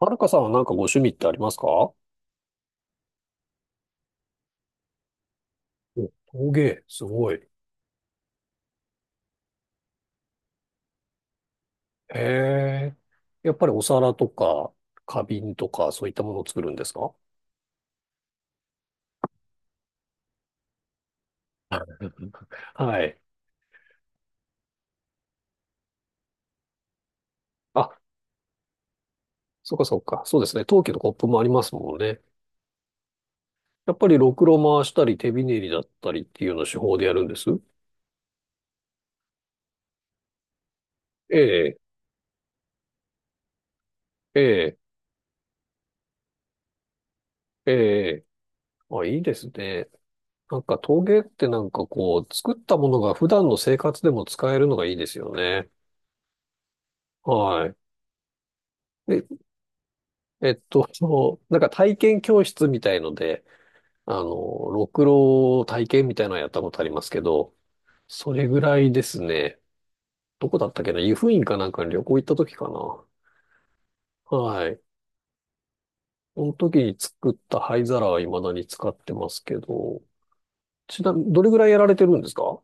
はるかさんはなんかご趣味ってありますか？陶芸、すごい。へえ。やっぱりお皿とか、花瓶とか、そういったものを作るんですか？ はい。あ、そうかそうか。そうですね。陶器のコップもありますもんね。やっぱりろくろ回したり、手びねりだったりっていうような手法でやるんです。ええ、ええ、ええ。あ、いいですね。なんか陶芸ってなんかこう、作ったものが普段の生活でも使えるのがいいですよね。はい。で、そう、なんか体験教室みたいので、ろくろ体験みたいなのやったことありますけど、それぐらいですね。どこだったっけな、湯布院かなんかに旅行行った時かな。はい。その時に作った灰皿は未だに使ってますけど、ちなみに、どれぐらいやられてるんですか？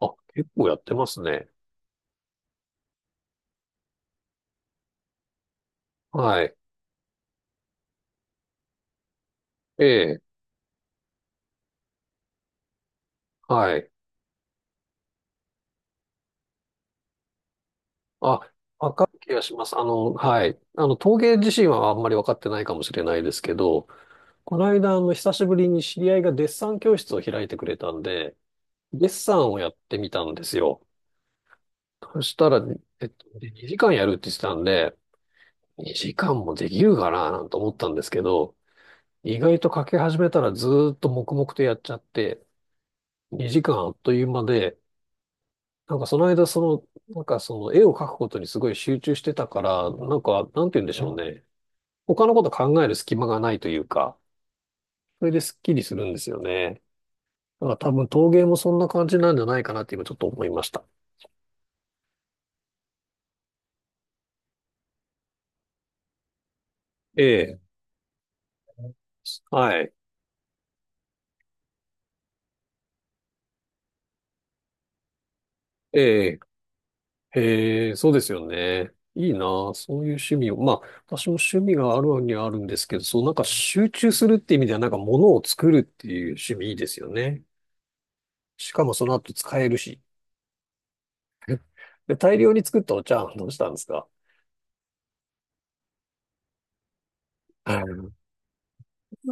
あ、結構やってますね。はい。ええ、はい。あ、わかる気がします。あの、はい。あの、陶芸自身はあんまりわかってないかもしれないですけど、この間、あの、久しぶりに知り合いがデッサン教室を開いてくれたんで、デッサンをやってみたんですよ。そしたら、2時間やるって言ってたんで、2時間もできるかななんて思ったんですけど、意外と書き始めたらずーっと黙々とやっちゃって、2時間あっという間で、なんかその間、その、なんかその絵を描くことにすごい集中してたから、なんか、なんて言うんでしょうね。他のこと考える隙間がないというか、それですっきりするんですよね。だから多分陶芸もそんな感じなんじゃないかなって今ちょっと思いました。ええ。はい。ええ。へえ、そうですよね。いいなあ、そういう趣味を。まあ、私も趣味があるにはあるんですけど、そう、なんか集中するって意味では、なんか物を作るっていう趣味いいですよね。しかもその後使えるし。で、大量に作ったお茶碗どうしたんですか？はい、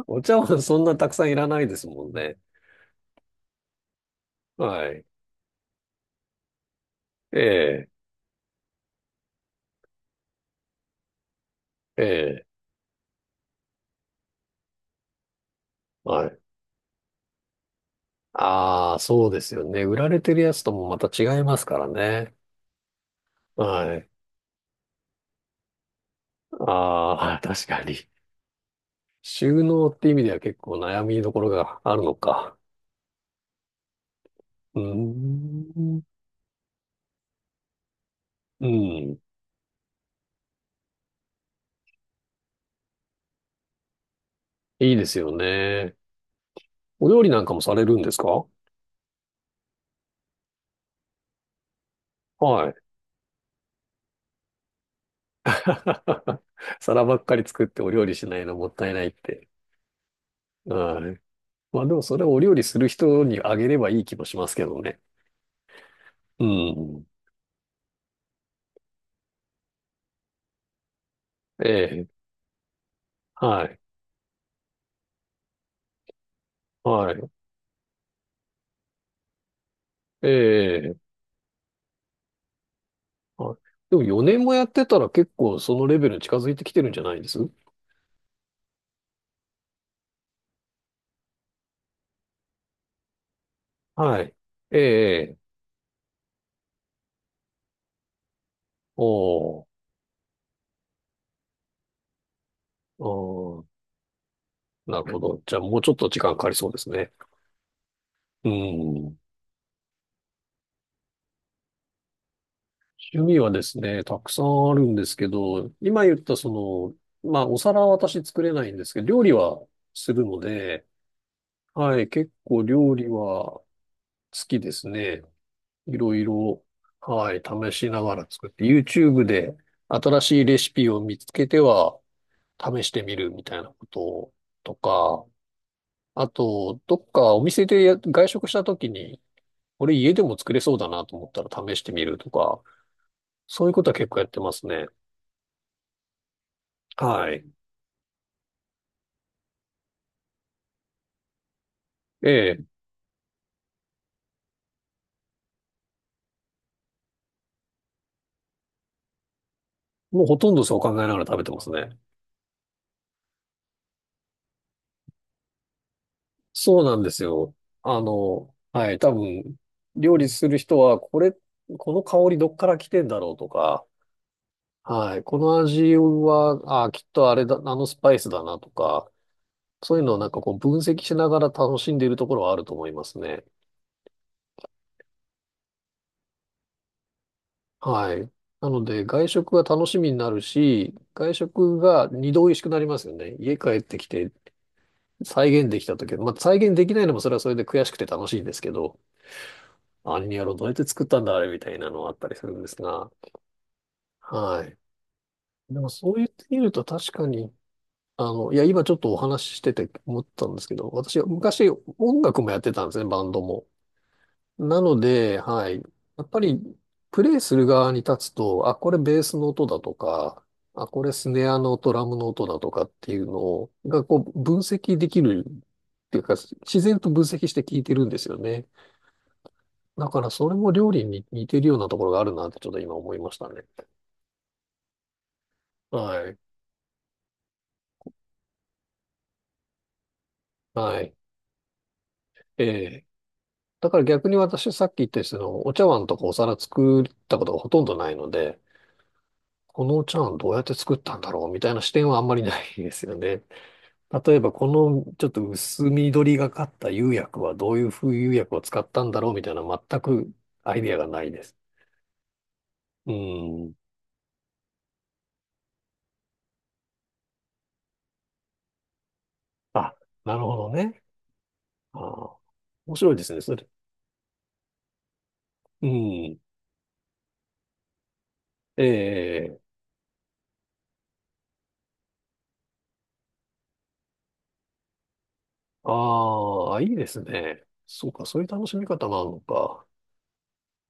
お茶碗そんなたくさんいらないですもんね。はい。ええ、ええ、はい。ああ、そうですよね。売られてるやつともまた違いますからね。はい。ああ、確かに。収納って意味では結構悩みどころがあるのか。うーん。うん。いいですよね。お料理なんかもされるんですか？はい。皿ばっかり作ってお料理しないのもったいないって。はい。まあでもそれをお料理する人にあげればいい気もしますけどね。うん。ええ。はい。はい。え、はい。でも4年もやってたら結構そのレベルに近づいてきてるんじゃないです？はい。ええ、ええ。おー、おー、なるほど。じゃあもうちょっと時間かかりそうですね。うん。趣味はですね、たくさんあるんですけど、今言ったその、まあお皿は私作れないんですけど、料理はするので、はい、結構料理は好きですね。いろいろ、はい、試しながら作って、YouTube で新しいレシピを見つけては、試してみるみたいなこととか、あと、どっかお店でや外食した時に、これ家でも作れそうだなと思ったら試してみるとか、そういうことは結構やってますね。はい。ええ。もうほとんどそう考えながら食べてますね。そうなんですよ。あの、はい。多分、料理する人は、これ、この香りどっから来てんだろうとか、はい。この味は、あ、きっとあれだ、あのスパイスだなとか、そういうのをなんかこう分析しながら楽しんでいるところはあると思いますね。はい。なので、外食が楽しみになるし、外食が二度美味しくなりますよね。家帰ってきて再現できた時、まあ、再現できないのもそれはそれで悔しくて楽しいんですけど、あにやろう、どうやって作ったんだ、あれみたいなのはあったりするんですが、はい。でもそう言ってみると確かに、あの、いや、今ちょっとお話ししてて思ったんですけど、私は昔音楽もやってたんですね、バンドも。なので、はい。やっぱり、プレイする側に立つと、あ、これベースの音だとか、あ、これスネアの音、ラムの音だとかっていうのが、こう、分析できるっていうか、自然と分析して聞いてるんですよね。だから、それも料理に似てるようなところがあるなって、ちょっと今思いましたね。はい。はい。ええ。だから逆に私、さっき言ったようにその、お茶碗とかお皿作ったことがほとんどないので、このお茶碗どうやって作ったんだろうみたいな視点はあんまりないですよね。例えば、このちょっと薄緑がかった釉薬はどういう風釉薬を使ったんだろうみたいな、全くアイデアがないです。うん。あ、なるほどね。あー、面白いですね、それ。うん。ええ。ああ、いいですね。そうか、そういう楽しみ方もあるのか。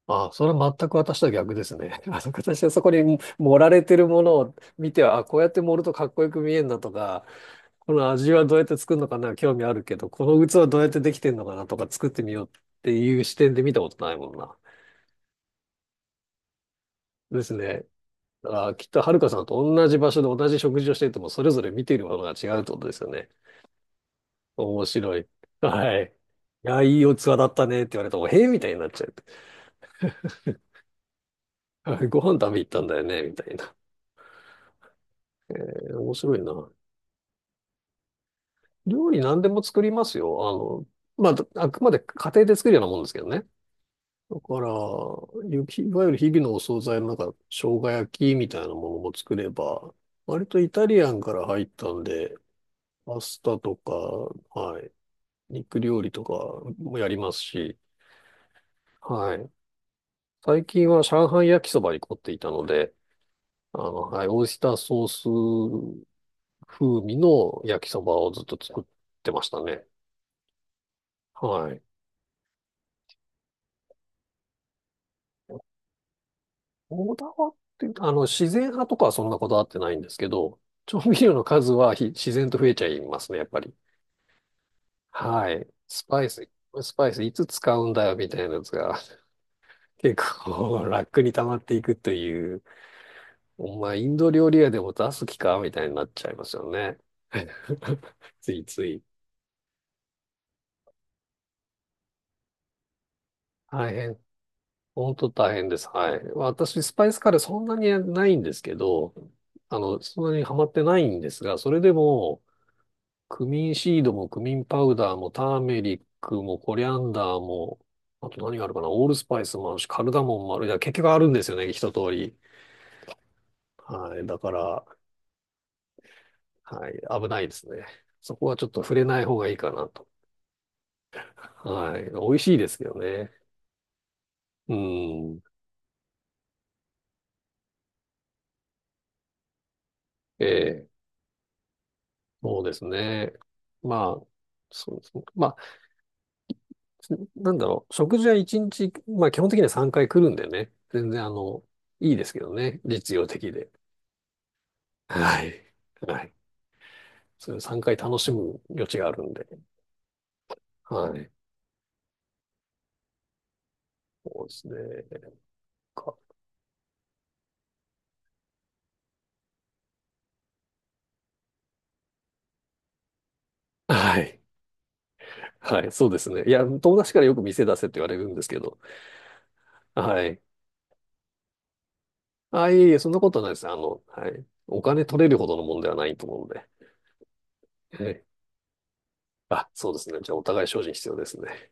ああ、それは全く私とは逆ですね。あの、私はそこに盛られてるものを見ては、あ、こうやって盛るとかっこよく見えるなとか、この味はどうやって作るのかな、興味あるけど、この器どうやってできてるのかなとか作ってみようっていう視点で見たことないもんな。ですね。だからきっとはるかさんと同じ場所で同じ食事をしていても、それぞれ見ているものが違うってことですよね。面白い。はい。いや、いいお器だったねって言われても、へえみたいになっちゃう。はい、ご飯食べ行ったんだよね、みたいな。えー面白いな。料理何でも作りますよ。あの、まあ、あくまで家庭で作るようなもんですけどね。だから、ゆきいわゆる日々のお惣菜のなんか、生姜焼きみたいなものも作れば、割とイタリアンから入ったんで、パスタとか、はい、肉料理とかもやりますし、はい。最近は上海焼きそばに凝っていたので、あの、はい、オイスターソース風味の焼きそばをずっと作ってましたね。はい。こだわっていうと、あの、自然派とかはそんなこだわってないんですけど、調味料の数はひ自然と増えちゃいますね、やっぱり。はい。スパイスいつ使うんだよ、みたいなやつが、結構楽に溜まっていくという、お前、インド料理屋でも出す気か、みたいになっちゃいますよね。ついつい。大変。本当大変です。はい。私、スパイスカレーそんなにないんですけど、あの、そんなにハマってないんですが、それでも、クミンシードもクミンパウダーもターメリックもコリアンダーも、あと何があるかな、オールスパイスもあるし、カルダモンもある。いや、結局あるんですよね、一通り。はい。だから、はい。危ないですね。そこはちょっと触れない方がいいかなと。はい。美味しいですけどね。うん。ええ、そうですね。まあ、そうですね。まあ、なんだろう。食事は一日、まあ基本的には3回来るんでね。全然あの、いいですけどね。実用的で。はい。はい。それ3回楽しむ余地があるんで。はい。そうですね。か、はい。はい。そうですね。いや、友達からよく店出せって言われるんですけど。はい。あ、いえいえ、そんなことはないです。あの、はい。お金取れるほどのもんではないと思うんで。はい。あ、そうですね。じゃあ、お互い精進必要ですね。